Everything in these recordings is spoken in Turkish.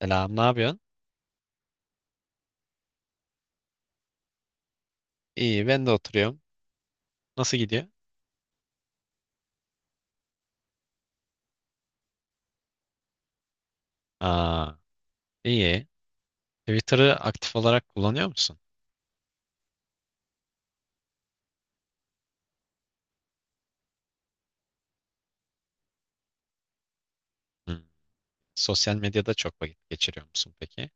Selam, ne yapıyorsun? İyi, ben de oturuyorum. Nasıl gidiyor? Aa, iyi. Twitter'ı aktif olarak kullanıyor musun? Hı. Sosyal medyada çok vakit geçiriyor musun peki?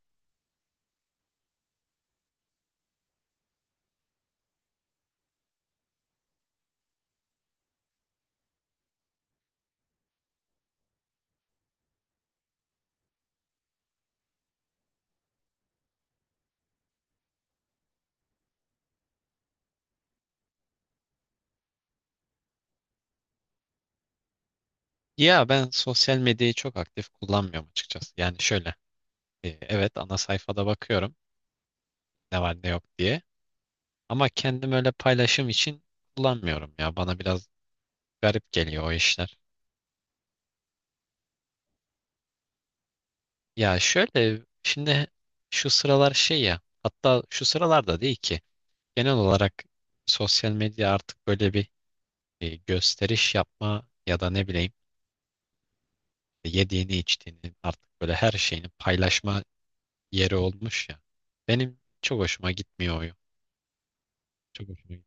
Ya ben sosyal medyayı çok aktif kullanmıyorum açıkçası. Yani şöyle, evet ana sayfada bakıyorum ne var ne yok diye. Ama kendim öyle paylaşım için kullanmıyorum ya. Bana biraz garip geliyor o işler. Ya şöyle, şimdi şu sıralar şey ya, hatta şu sıralarda değil ki. Genel olarak sosyal medya artık böyle bir gösteriş yapma ya da ne bileyim işte yediğini içtiğini artık böyle her şeyini paylaşma yeri olmuş ya. Benim çok hoşuma gitmiyor o. Çok hoşuma gitti.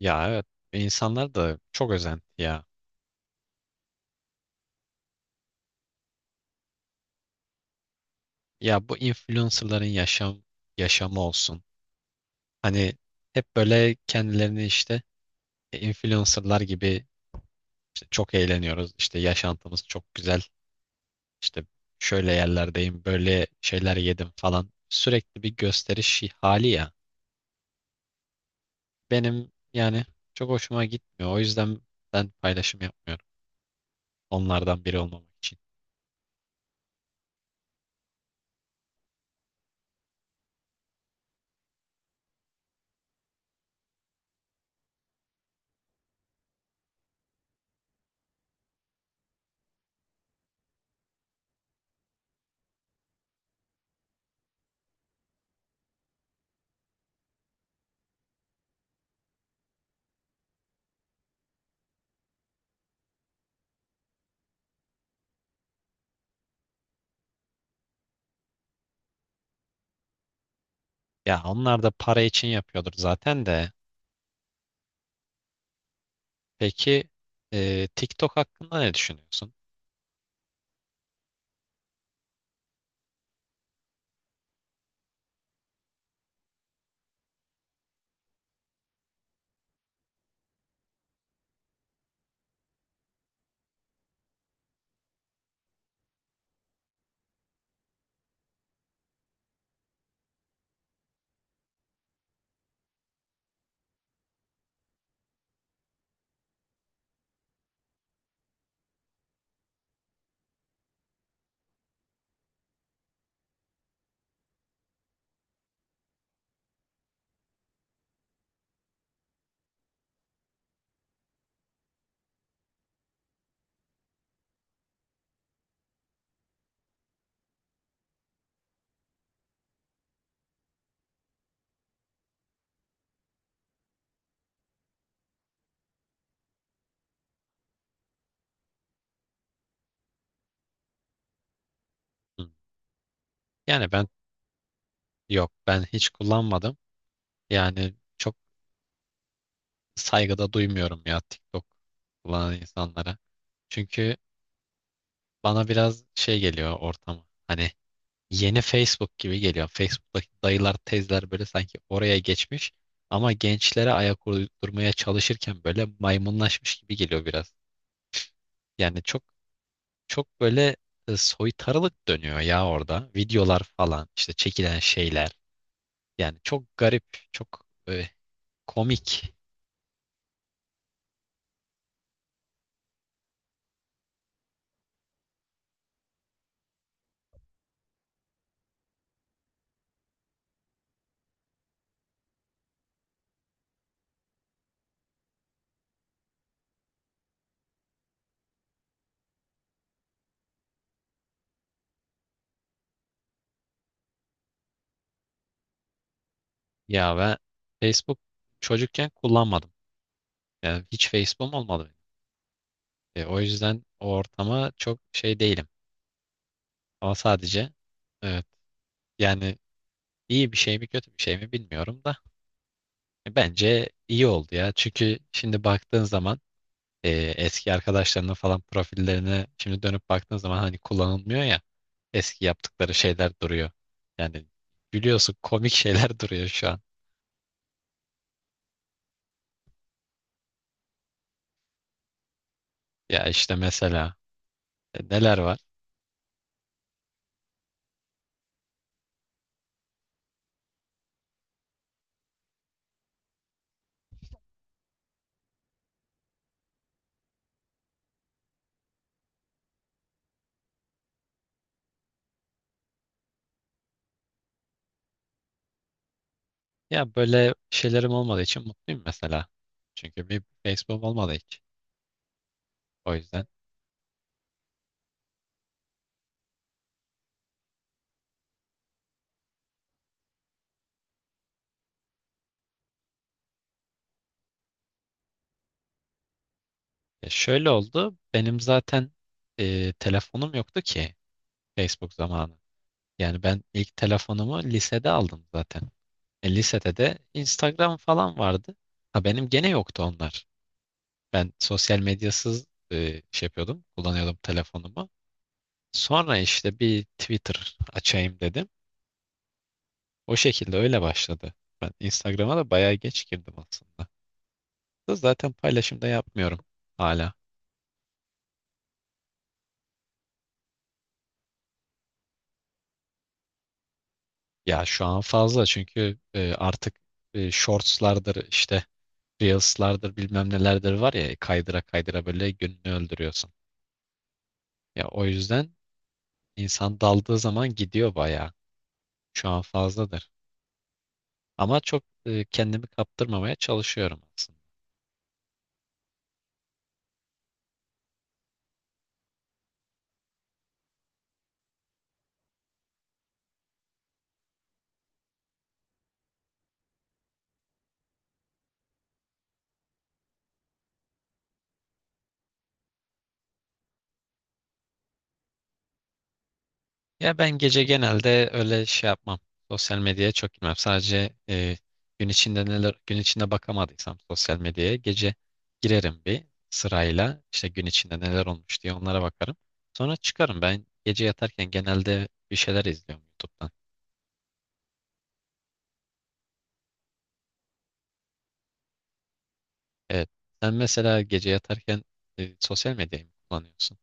Ya evet, insanlar da çok özenti ya. Ya bu influencerların yaşamı olsun. Hani hep böyle kendilerini işte influencerlar gibi işte çok eğleniyoruz, işte yaşantımız çok güzel. İşte şöyle yerlerdeyim, böyle şeyler yedim falan. Sürekli bir gösteriş hali ya. Benim yani çok hoşuma gitmiyor. O yüzden ben paylaşım yapmıyorum. Onlardan biri olmamak için. Ya onlar da para için yapıyordur zaten de. Peki TikTok hakkında ne düşünüyorsun? Hı. Yani yok ben hiç kullanmadım. Yani çok saygıda duymuyorum ya TikTok kullanan insanlara. Çünkü bana biraz şey geliyor ortamı. Hani yeni Facebook gibi geliyor. Facebook'taki dayılar, teyzeler böyle sanki oraya geçmiş ama gençlere ayak uydurmaya çalışırken böyle maymunlaşmış gibi geliyor biraz. Yani çok böyle soytarılık dönüyor ya orada. Videolar falan, işte çekilen şeyler. Yani çok garip, çok komik. Ya ve Facebook çocukken kullanmadım. Yani hiç Facebook'um olmadı benim. E, o yüzden o ortama çok şey değilim. Ama sadece evet, yani İyi bir şey mi kötü bir şey mi bilmiyorum da bence iyi oldu ya. Çünkü şimdi baktığın zaman e, eski arkadaşlarının falan profillerine şimdi dönüp baktığın zaman hani kullanılmıyor ya, eski yaptıkları şeyler duruyor. Yani biliyorsun, komik şeyler duruyor şu an. Ya işte mesela neler var? Ya böyle şeylerim olmadığı için mutluyum mesela. Çünkü bir Facebook olmadı hiç. O yüzden ya şöyle oldu. Benim zaten telefonum yoktu ki Facebook zamanı. Yani ben ilk telefonumu lisede aldım zaten. E, lisede de Instagram falan vardı. Ha, benim gene yoktu onlar. Ben sosyal medyasız şey yapıyordum, kullanıyordum telefonumu. Sonra işte bir Twitter açayım dedim. O şekilde öyle başladı. Ben Instagram'a da bayağı geç girdim aslında. Da zaten paylaşım da yapmıyorum hala. Ya şu an fazla çünkü artık shortslardır, işte Reels'lardır bilmem nelerdir var ya, kaydıra kaydıra böyle gününü öldürüyorsun. Ya o yüzden insan daldığı zaman gidiyor bayağı. Şu an fazladır. Ama çok kendimi kaptırmamaya çalışıyorum aslında. Ya ben gece genelde öyle şey yapmam. Sosyal medyaya çok girmem. Sadece gün içinde bakamadıysam sosyal medyaya gece girerim bir sırayla. İşte gün içinde neler olmuş diye onlara bakarım. Sonra çıkarım. Ben gece yatarken genelde bir şeyler izliyorum YouTube'dan. Evet. Sen mesela gece yatarken sosyal medyayı mı kullanıyorsun?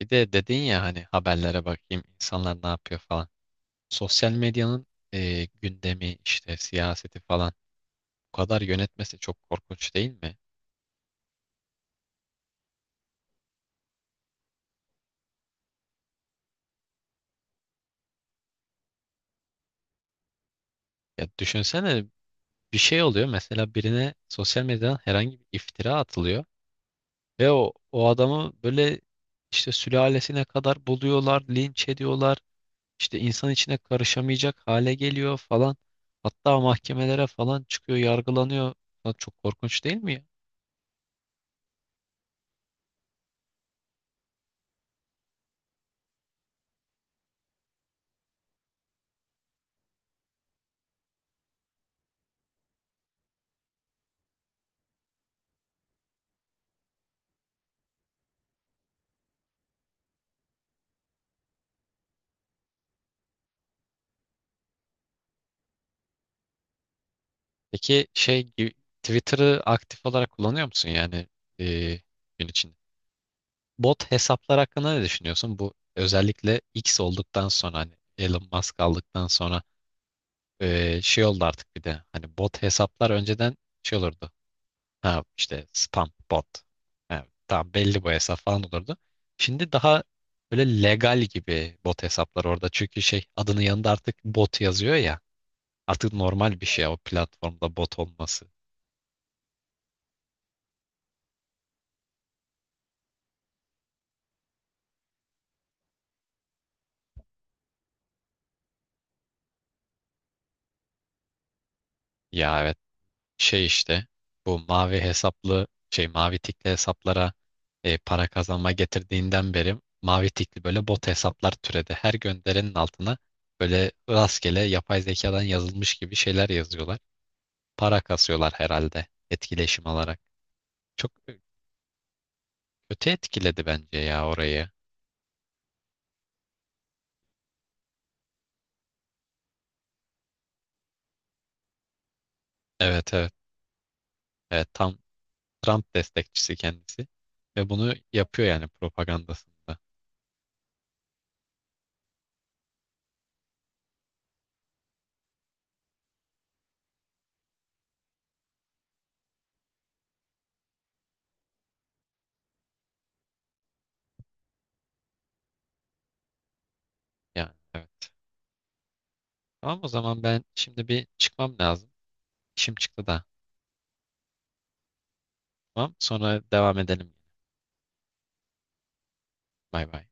Bir de dedin ya hani haberlere bakayım, insanlar ne yapıyor falan. Sosyal medyanın gündemi, işte siyaseti falan bu kadar yönetmesi çok korkunç değil mi? Ya düşünsene, bir şey oluyor mesela, birine sosyal medyadan herhangi bir iftira atılıyor ve o adamı böyle işte sülalesine kadar buluyorlar, linç ediyorlar. İşte insan içine karışamayacak hale geliyor falan. Hatta mahkemelere falan çıkıyor, yargılanıyor. Lan, çok korkunç değil mi ya? Peki şey gibi- Twitter'ı aktif olarak kullanıyor musun yani e, gün içinde? Bot hesaplar hakkında ne düşünüyorsun? Bu özellikle X olduktan sonra, hani Elon Musk aldıktan sonra şey oldu artık, bir de hani bot hesaplar önceden şey olurdu. Ha, işte spam bot. Ha, tamam, belli bu hesap falan olurdu. Şimdi daha böyle legal gibi bot hesaplar orada. Çünkü şey, adının yanında artık bot yazıyor ya. Artık normal bir şey o platformda bot olması. Ya evet, şey işte, bu mavi hesaplı şey, mavi tikli hesaplara para kazanma getirdiğinden beri mavi tikli böyle bot hesaplar türedi. Her gönderenin altına böyle rastgele yapay zekadan yazılmış gibi şeyler yazıyorlar. Para kasıyorlar herhalde etkileşim alarak. Çok kötü etkiledi bence ya orayı. Evet, evet. Evet, tam Trump destekçisi kendisi ve bunu yapıyor yani propagandasında. Yani evet. Tamam, o zaman ben şimdi bir çıkmam lazım. İşim çıktı da. Tamam. Sonra devam edelim. Bay bay.